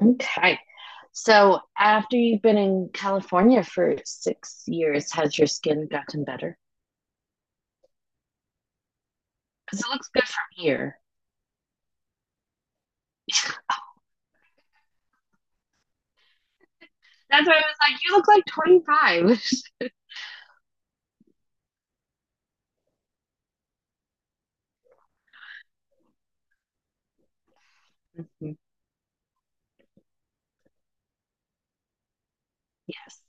Okay. So after you've been in California for 6 years, has your skin gotten better? Because it looks good from here. That's why I was like, you look like 25. Mhm. Yes.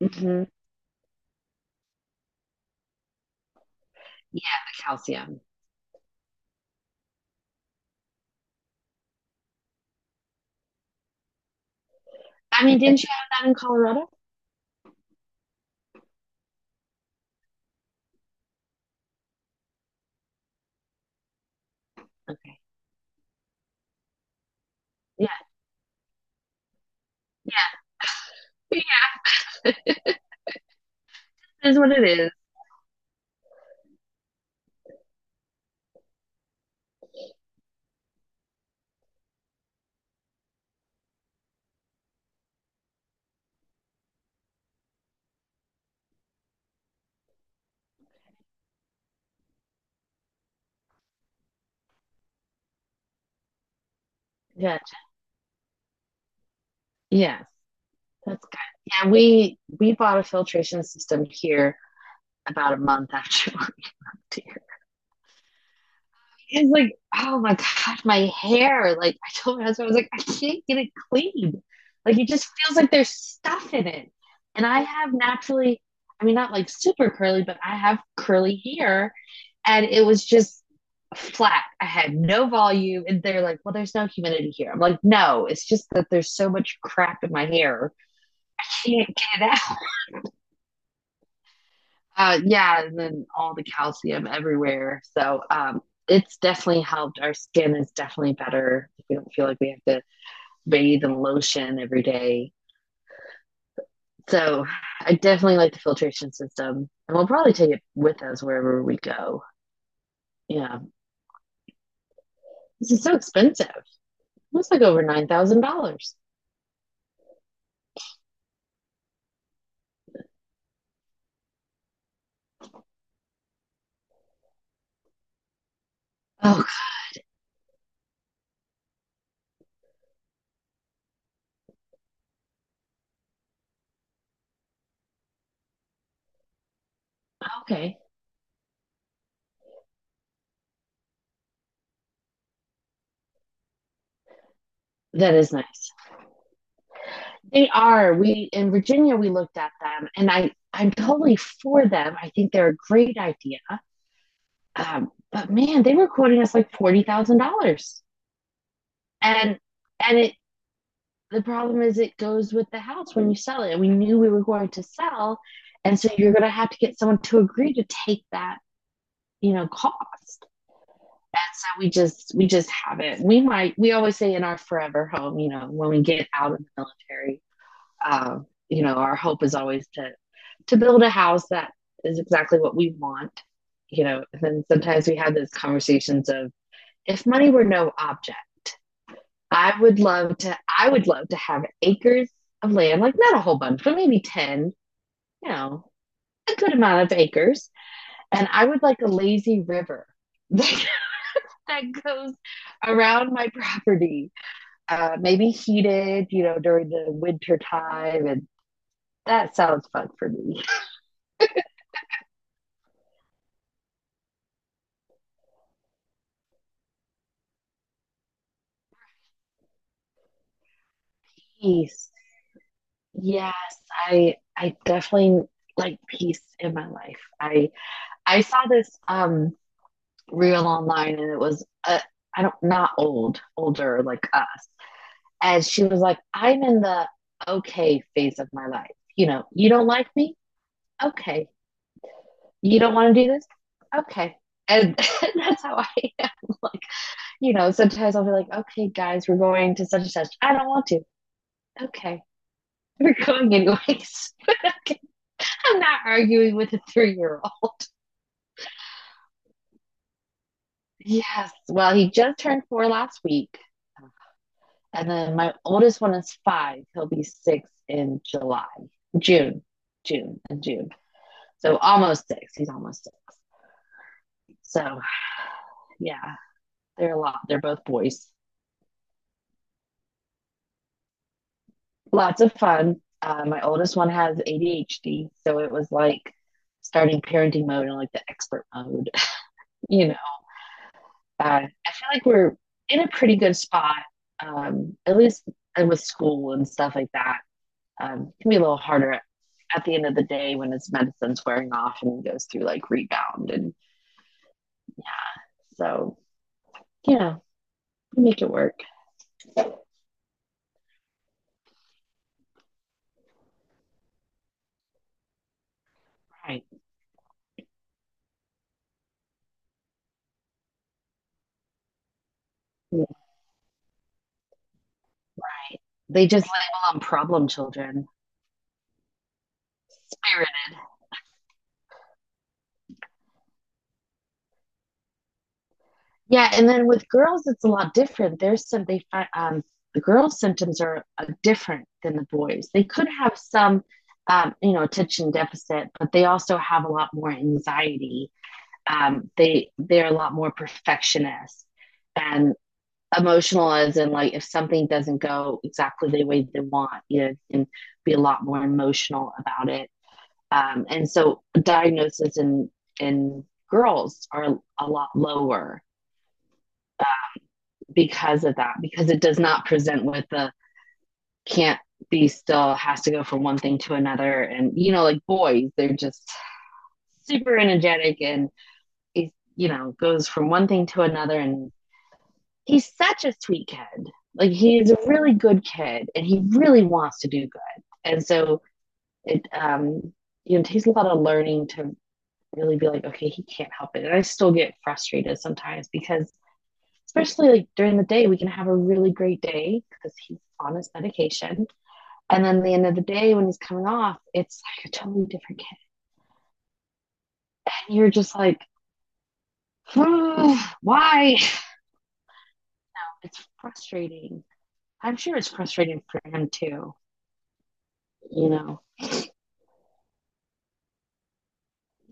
Mhm. Yeah, the calcium. I mean, didn't you have that in Colorado? Okay. Yeah, yeah, yeah. It is what it is. Yeah, yeah. That's good. Yeah, we bought a filtration system here about a month after we moved here. It's like, oh my gosh, my hair. Like I told my husband, I was like, I can't get it clean. Like it just feels like there's stuff in it. And I have naturally, I mean, not like super curly, but I have curly hair. And it was just flat. I had no volume. And they're like, well, there's no humidity here. I'm like, no, it's just that there's so much crap in my hair. I can't get it yeah, and then all the calcium everywhere. So it's definitely helped. Our skin is definitely better. We don't feel like we have to bathe in lotion every day. So I definitely like the filtration system, and we'll probably take it with us wherever we go. Yeah, this is so expensive. It's like over $9,000. Oh, okay, that is nice. They are. We in Virginia we looked at them, and I'm totally for them. I think they're a great idea. But man, they were quoting us like $40,000, and and it the problem is it goes with the house when you sell it. We knew we were going to sell, and so you're going to have to get someone to agree to take that cost. And so we just haven't. We always say in our forever home, when we get out of the military, our hope is always to build a house that is exactly what we want. And then sometimes we have those conversations of if money were no object, I would love to have acres of land, like not a whole bunch, but maybe 10, you know, a good amount of acres. And I would like a lazy river that, that goes around my property, maybe heated, during the winter time. And that sounds fun for me. Peace. Yes, I definitely like peace in my life. I saw this real online and it was I don't not old, older like us. And she was like, I'm in the okay phase of my life. You know, you don't like me? Okay. You don't want to do this? Okay. And that's how I am. Like, sometimes I'll be like, okay, guys, we're going to such and such. I don't want to. Okay. We're going anyways. I'm not arguing with a 3-year old. Yes. Well, he just turned 4 last week. Um, And then my oldest one is 5. He'll be 6 in July, June, June, and June. So almost 6. He's almost 6. So yeah, they're a lot. They're both boys. Lots of fun. My oldest one has ADHD, so it was like starting parenting mode and like the expert mode. you know, I feel like we're in a pretty good spot, at least with school and stuff like that. Can be a little harder at the end of the day when his medicine's wearing off and he goes through like rebound. And so, yeah, we make it work. Right. Right. They just label them problem children. Spirited. Yeah, and then with girls, it's a lot different. There's some they find the girls' symptoms are different than the boys. They could have some, attention deficit, but they also have a lot more anxiety. They're a lot more perfectionist, and emotional as in like if something doesn't go exactly the way they want and be a lot more emotional about it, and so diagnosis in in girls are a lot lower because of that, because it does not present with the can't be still, has to go from one thing to another, and like boys, they're just super energetic, and it goes from one thing to another, and he's such a sweet kid. Like he's a really good kid, and he really wants to do good. And so it, takes a lot of learning to really be like, okay, he can't help it. And I still get frustrated sometimes because, especially like during the day, we can have a really great day because he's on his medication, and then at the end of the day when he's coming off, it's like a totally different kid, and you're just like, oh, why? It's frustrating. I'm sure it's frustrating for him too, you know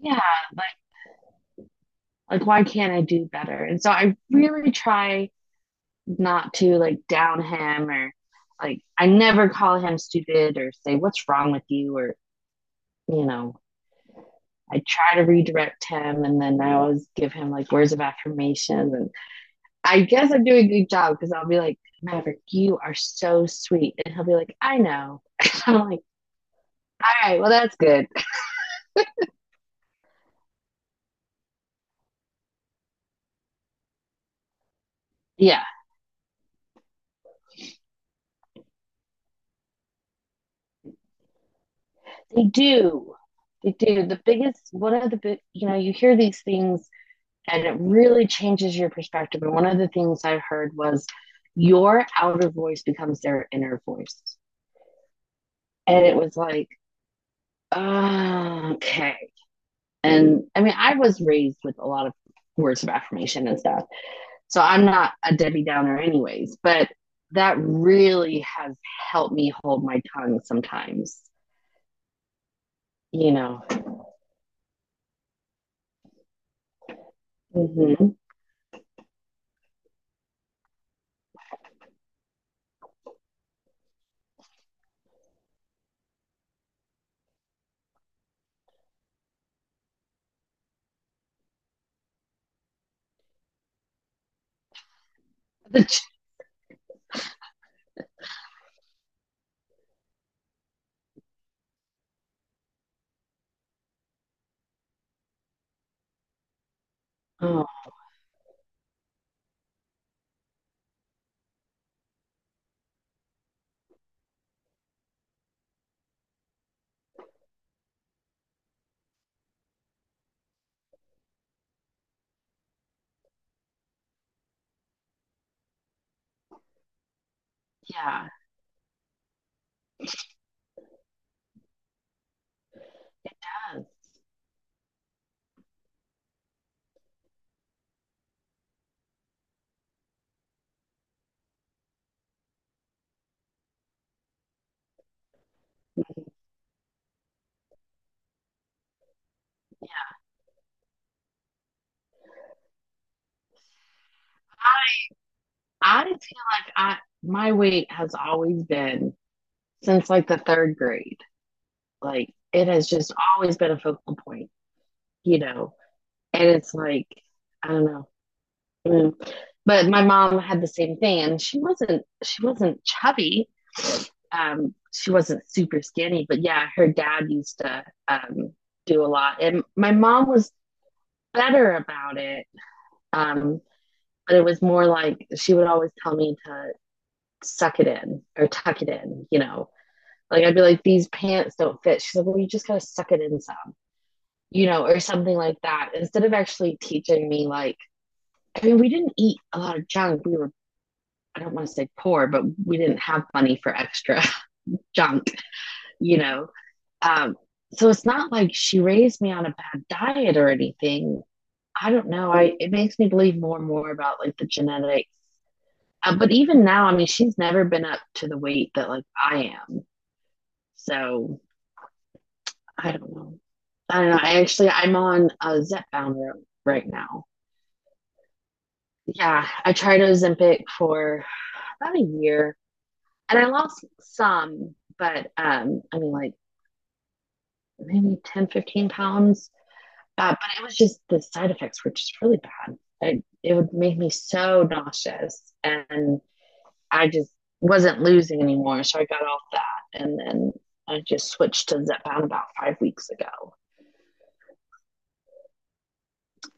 yeah, like why can't I do better? And so I really try not to like down him, or like I never call him stupid or say what's wrong with you or, you know, I try to redirect him, and then I always give him like words of affirmation, and I guess I'm doing a good job because I'll be like, Maverick, you are so sweet. And he'll be like, I know. I'm like, all right, well that's good. Yeah. They do. They do. The biggest one of the big, you hear these things, and it really changes your perspective. And one of the things I heard was your outer voice becomes their inner voice. And it was like, oh, okay. And I mean, I was raised with a lot of words of affirmation and stuff. So I'm not a Debbie Downer, anyways, but that really has helped me hold my tongue sometimes, you know. Mm-hmm. Oh, yeah. I, I feel like my weight has always been since like the third grade. Like it has just always been a focal point, you know. And it's like I don't know. Mm. But my mom had the same thing, and she wasn't chubby. She wasn't super skinny, but yeah, her dad used to do a lot, and my mom was better about it. Um, but it was more like she would always tell me to suck it in or tuck it in, like I'd be like, these pants don't fit. She's like, well, you just gotta suck it in some, you know, or something like that. Instead of actually teaching me, like, I mean, we didn't eat a lot of junk. We were, I don't want to say poor, but we didn't have money for extra junk, you know. Um, so it's not like she raised me on a bad diet or anything. I don't know. I it makes me believe more and more about like the genetics. But even now, I mean, she's never been up to the weight that like I am. So I don't know. I don't know. I actually I'm on a Zepbound road right now. Yeah, I tried Ozempic for about a year, and I lost some, but I mean like maybe 10, 15 pounds. But it was just the side effects were just really bad. It would make me so nauseous, and I just wasn't losing anymore. So I got off that, and then I just switched to Zepbound about 5 weeks ago.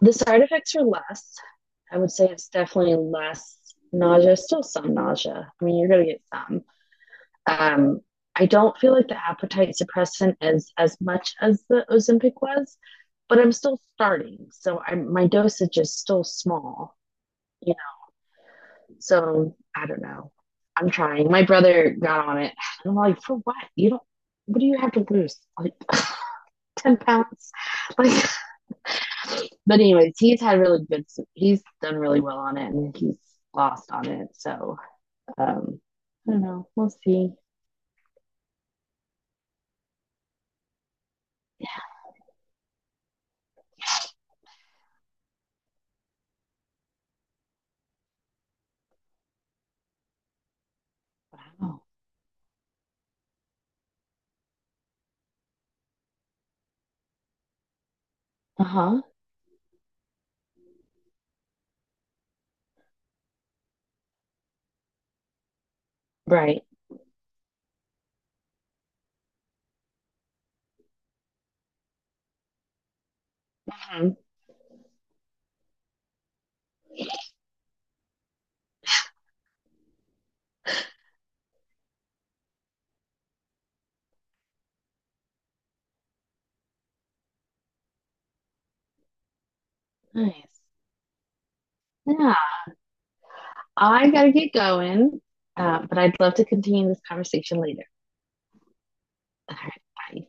The side effects are less. I would say it's definitely less nausea, still some nausea. I mean, you're going to get some. Um, I don't feel like the appetite suppressant is as much as the Ozempic was, but I'm still starting. So my dosage is still small, you So I don't know. I'm trying. My brother got on it. And I'm like, for what? You don't, what do you have to lose? Like 10 pounds? Like, but anyways, he's had really good. He's done really well on it, and he's lost on it. So um, I don't know. We'll see. Yeah. Wow. Uh huh. Right. Mhm. Nice. Yeah. I gotta get going, but I'd love to continue this conversation later. All right. Bye.